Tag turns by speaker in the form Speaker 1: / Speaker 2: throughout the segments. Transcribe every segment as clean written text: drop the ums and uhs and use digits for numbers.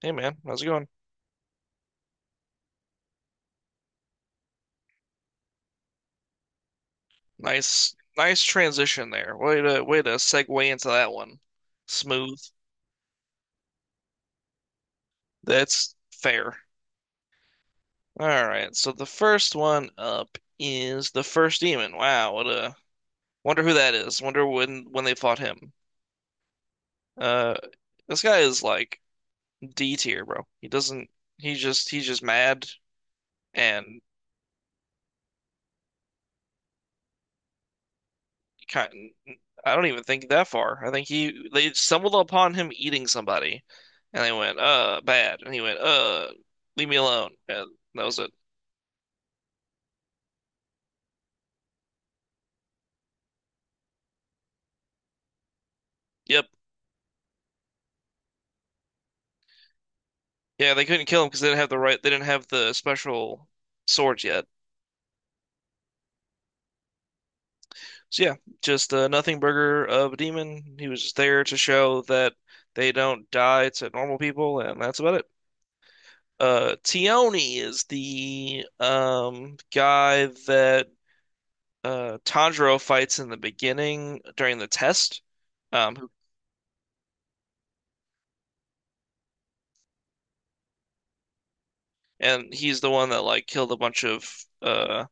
Speaker 1: Hey man, how's it going? Nice, nice transition there. Way to segue into that one. Smooth. That's fair. All right. So the first one up is the first demon. Wow, what a wonder who that is. Wonder when they fought him. Uh, this guy is like D tier, bro. He doesn't. He just he's just mad and kind I don't even think that far. I think he they stumbled upon him eating somebody, and they went, bad." And he went, leave me alone." And that was it. Yep. Yeah, they couldn't kill him because they didn't have the right. They didn't have the special swords yet. So yeah, just a nothing burger of a demon. He was just there to show that they don't die to normal people, and that's about it. Tione is the guy that Tanjiro fights in the beginning during the test. Um who- and he's the one that like killed a bunch of uh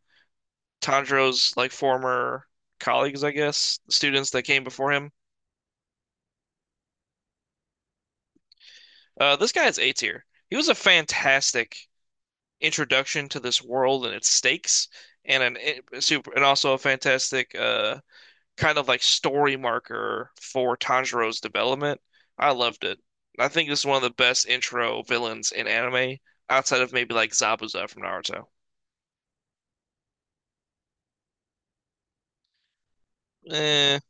Speaker 1: Tanjiro's like former colleagues, I guess, students that came before him. Uh, this guy is A tier. He was a fantastic introduction to this world and its stakes and an eh, super and also a fantastic kind of like story marker for Tanjiro's development. I loved it. I think it's one of the best intro villains in anime, outside of maybe like Zabuza from Naruto. Eh,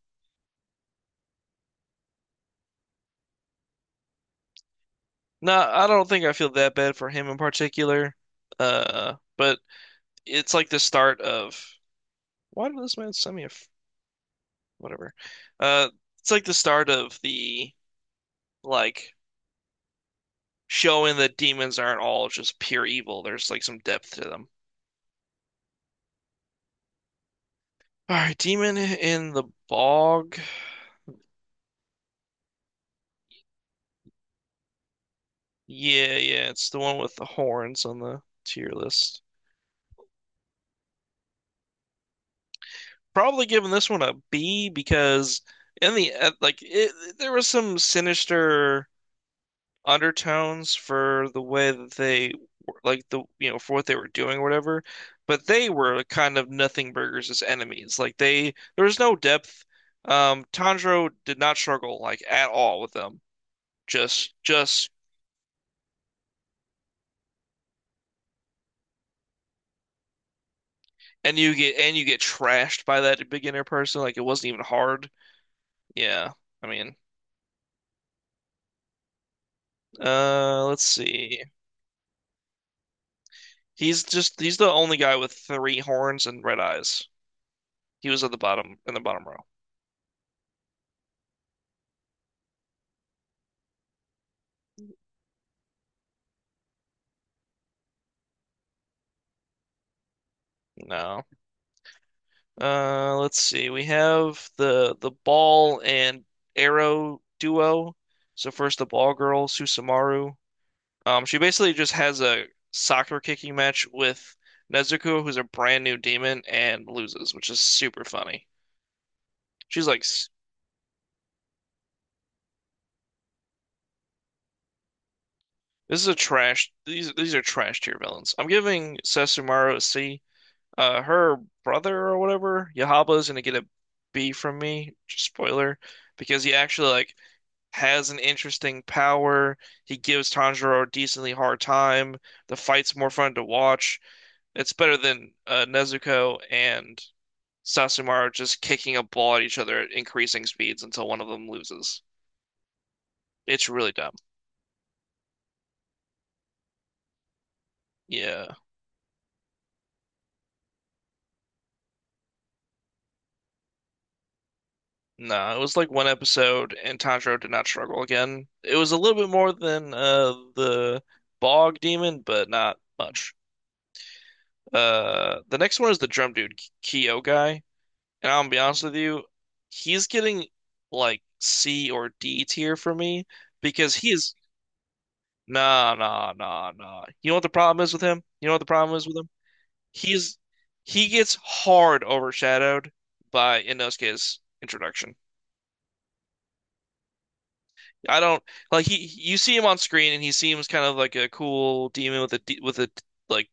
Speaker 1: no, I don't think I feel that bad for him in particular. But it's like the start of why did this man send me a f- whatever? Uh, it's like the start of the like showing that demons aren't all just pure evil. There's like some depth to them. All right, demon in the bog. Yeah, yeah, it's the one with the horns on the tier list. Probably giving this one a B because in the like it, there was some sinister undertones for the way that like the you know for what they were doing or whatever, but they were kind of nothing burgers as enemies. Like they There was no depth. Tanjiro did not struggle like at all with them. Just And you get trashed by that beginner person. Like it wasn't even hard. Yeah. I mean, uh, let's see. He's just he's the only guy with three horns and red eyes. He was at the bottom in the bottom row. No. Let's see. We have the ball and arrow duo. So first the ball girl, Susumaru. She basically just has a soccer kicking match with Nezuko, who's a brand new demon, and loses, which is super funny. She's like, "S- "This is a trash. These are trash tier villains." I'm giving Susumaru a C. Her brother or whatever, Yahaba is gonna get a B from me. Just spoiler, because he actually like has an interesting power. He gives Tanjiro a decently hard time. The fight's more fun to watch. It's better than Nezuko and Sasumaru just kicking a ball at each other at increasing speeds until one of them loses. It's really dumb. Yeah. No, it was like one episode, and Tanjiro did not struggle again. It was a little bit more than the bog demon, but not much. The next one is the drum dude, Kyo guy, and I'm gonna be honest with you, he's getting like C or D tier for me because he is nah nah nah nah. You know what the problem is with him? You know what the problem is with him? He's he gets hard overshadowed by Inosuke's introduction. I don't like he. You see him on screen, and he seems kind of like a cool demon with with a like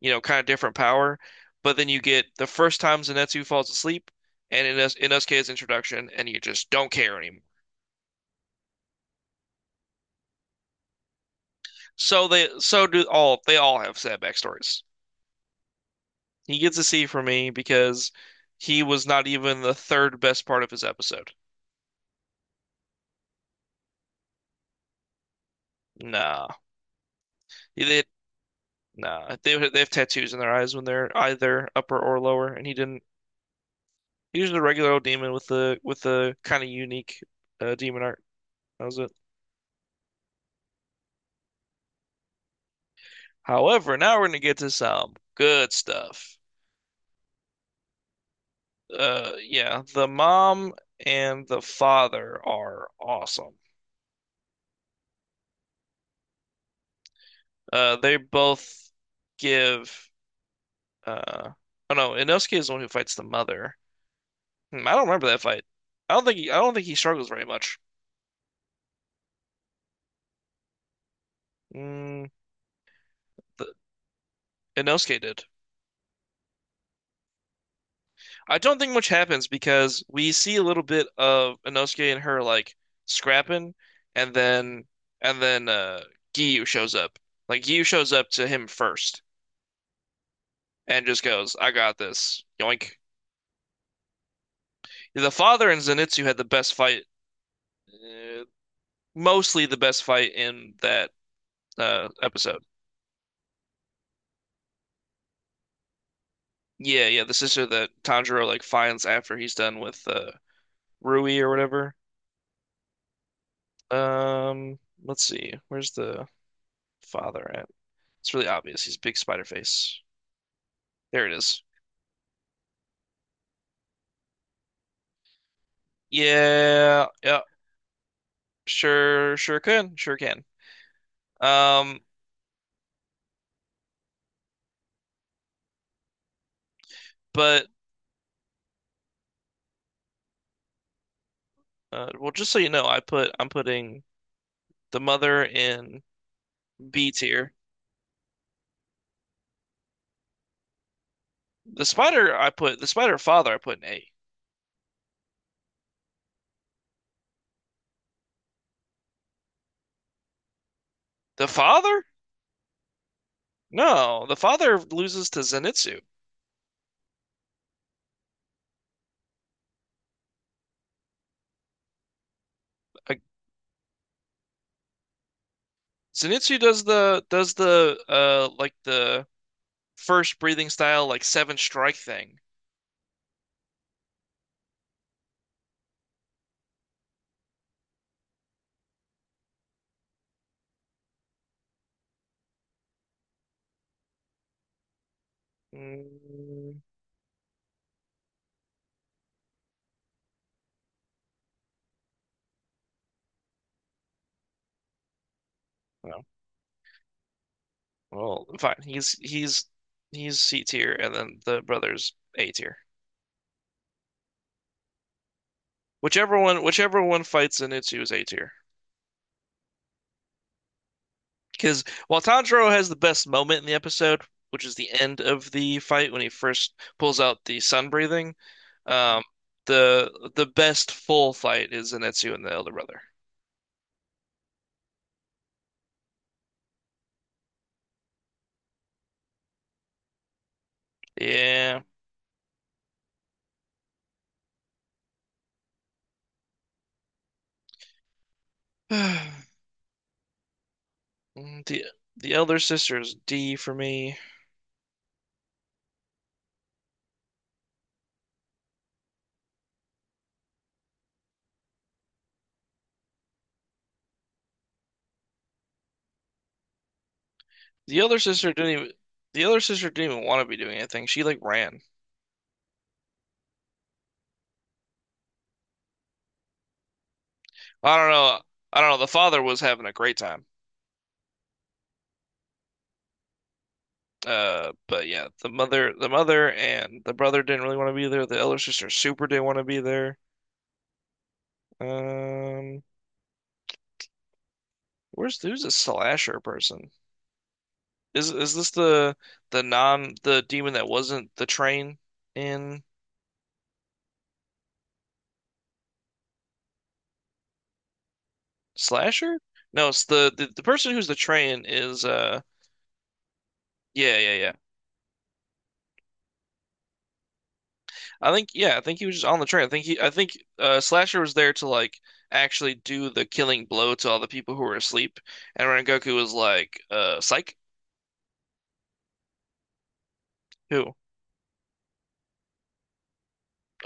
Speaker 1: you know kind of different power. But then you get the first time Zenitsu falls asleep, and in Inosuke's introduction, and you just don't care anymore. So do all they all have sad backstories. He gets a C from me because he was not even the third best part of his episode. Nah, they nah they have tattoos in their eyes when they're either upper or lower, and he didn't. He's just a regular old demon with the kind of unique demon art. That was it. However, now we're gonna get to some good stuff. Yeah, the mom and the father are awesome. They both give. Uh, oh no, Inosuke is the one who fights the mother. Hmm, I don't remember that fight. I don't think he struggles very much. Mm, the, Inosuke did. I don't think much happens because we see a little bit of Inosuke and her like scrapping, and then and then uh Giyu shows up. Like Giyu shows up to him first and just goes, "I got this." Yoink. The father and Zenitsu had the best fight, uh, mostly the best fight in that episode. Yeah, yeah, the sister that Tanjiro like finds after he's done with Rui or whatever. Let's see. Where's the father It's really obvious. He's a big spider face. There it is. Yeah, yeah, sure, sure can, sure can. Um, but well, just so you know, I'm putting the mother in B tier. The spider I put the spider father I put in A. The father? No, the father loses to Zenitsu. Uh, Zenitsu does the like the first breathing style like seven strike thing. Mm, no. Well, fine. He's C tier, and then the brother's A tier. Whichever one fights Zenitsu is A tier. Because while Tanjiro has the best moment in the episode, which is the end of the fight when he first pulls out the sun breathing, um, the best full fight is Zenitsu and the elder brother. Yeah. The the elder sister is D for me. The elder sister didn't even the elder sister didn't even want to be doing anything. She like ran. I don't know. I don't know. The father was having a great time. But yeah, the mother and the brother didn't really want to be there. The elder sister super didn't want to be there. Um, where's who's the slasher person? Is this the non the demon that wasn't the train in slasher? No, it's the person who's the train is yeah yeah yeah. I think yeah, I think he was just on the train. I think Slasher was there to like actually do the killing blow to all the people who were asleep. And Rengoku was like, uh, psych? Who?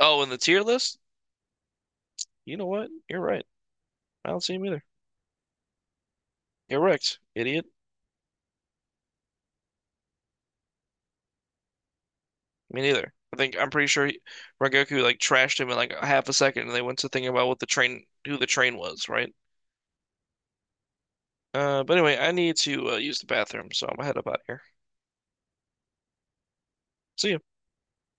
Speaker 1: Oh, in the tier list? You know what? You're right. I don't see him either. You're wrecked, idiot. Me neither. I'm pretty sure Rengoku like trashed him in like half a second and they went to thinking about what the train who the train was, right? But anyway, I need to use the bathroom, so I'm gonna head up out here. See ya.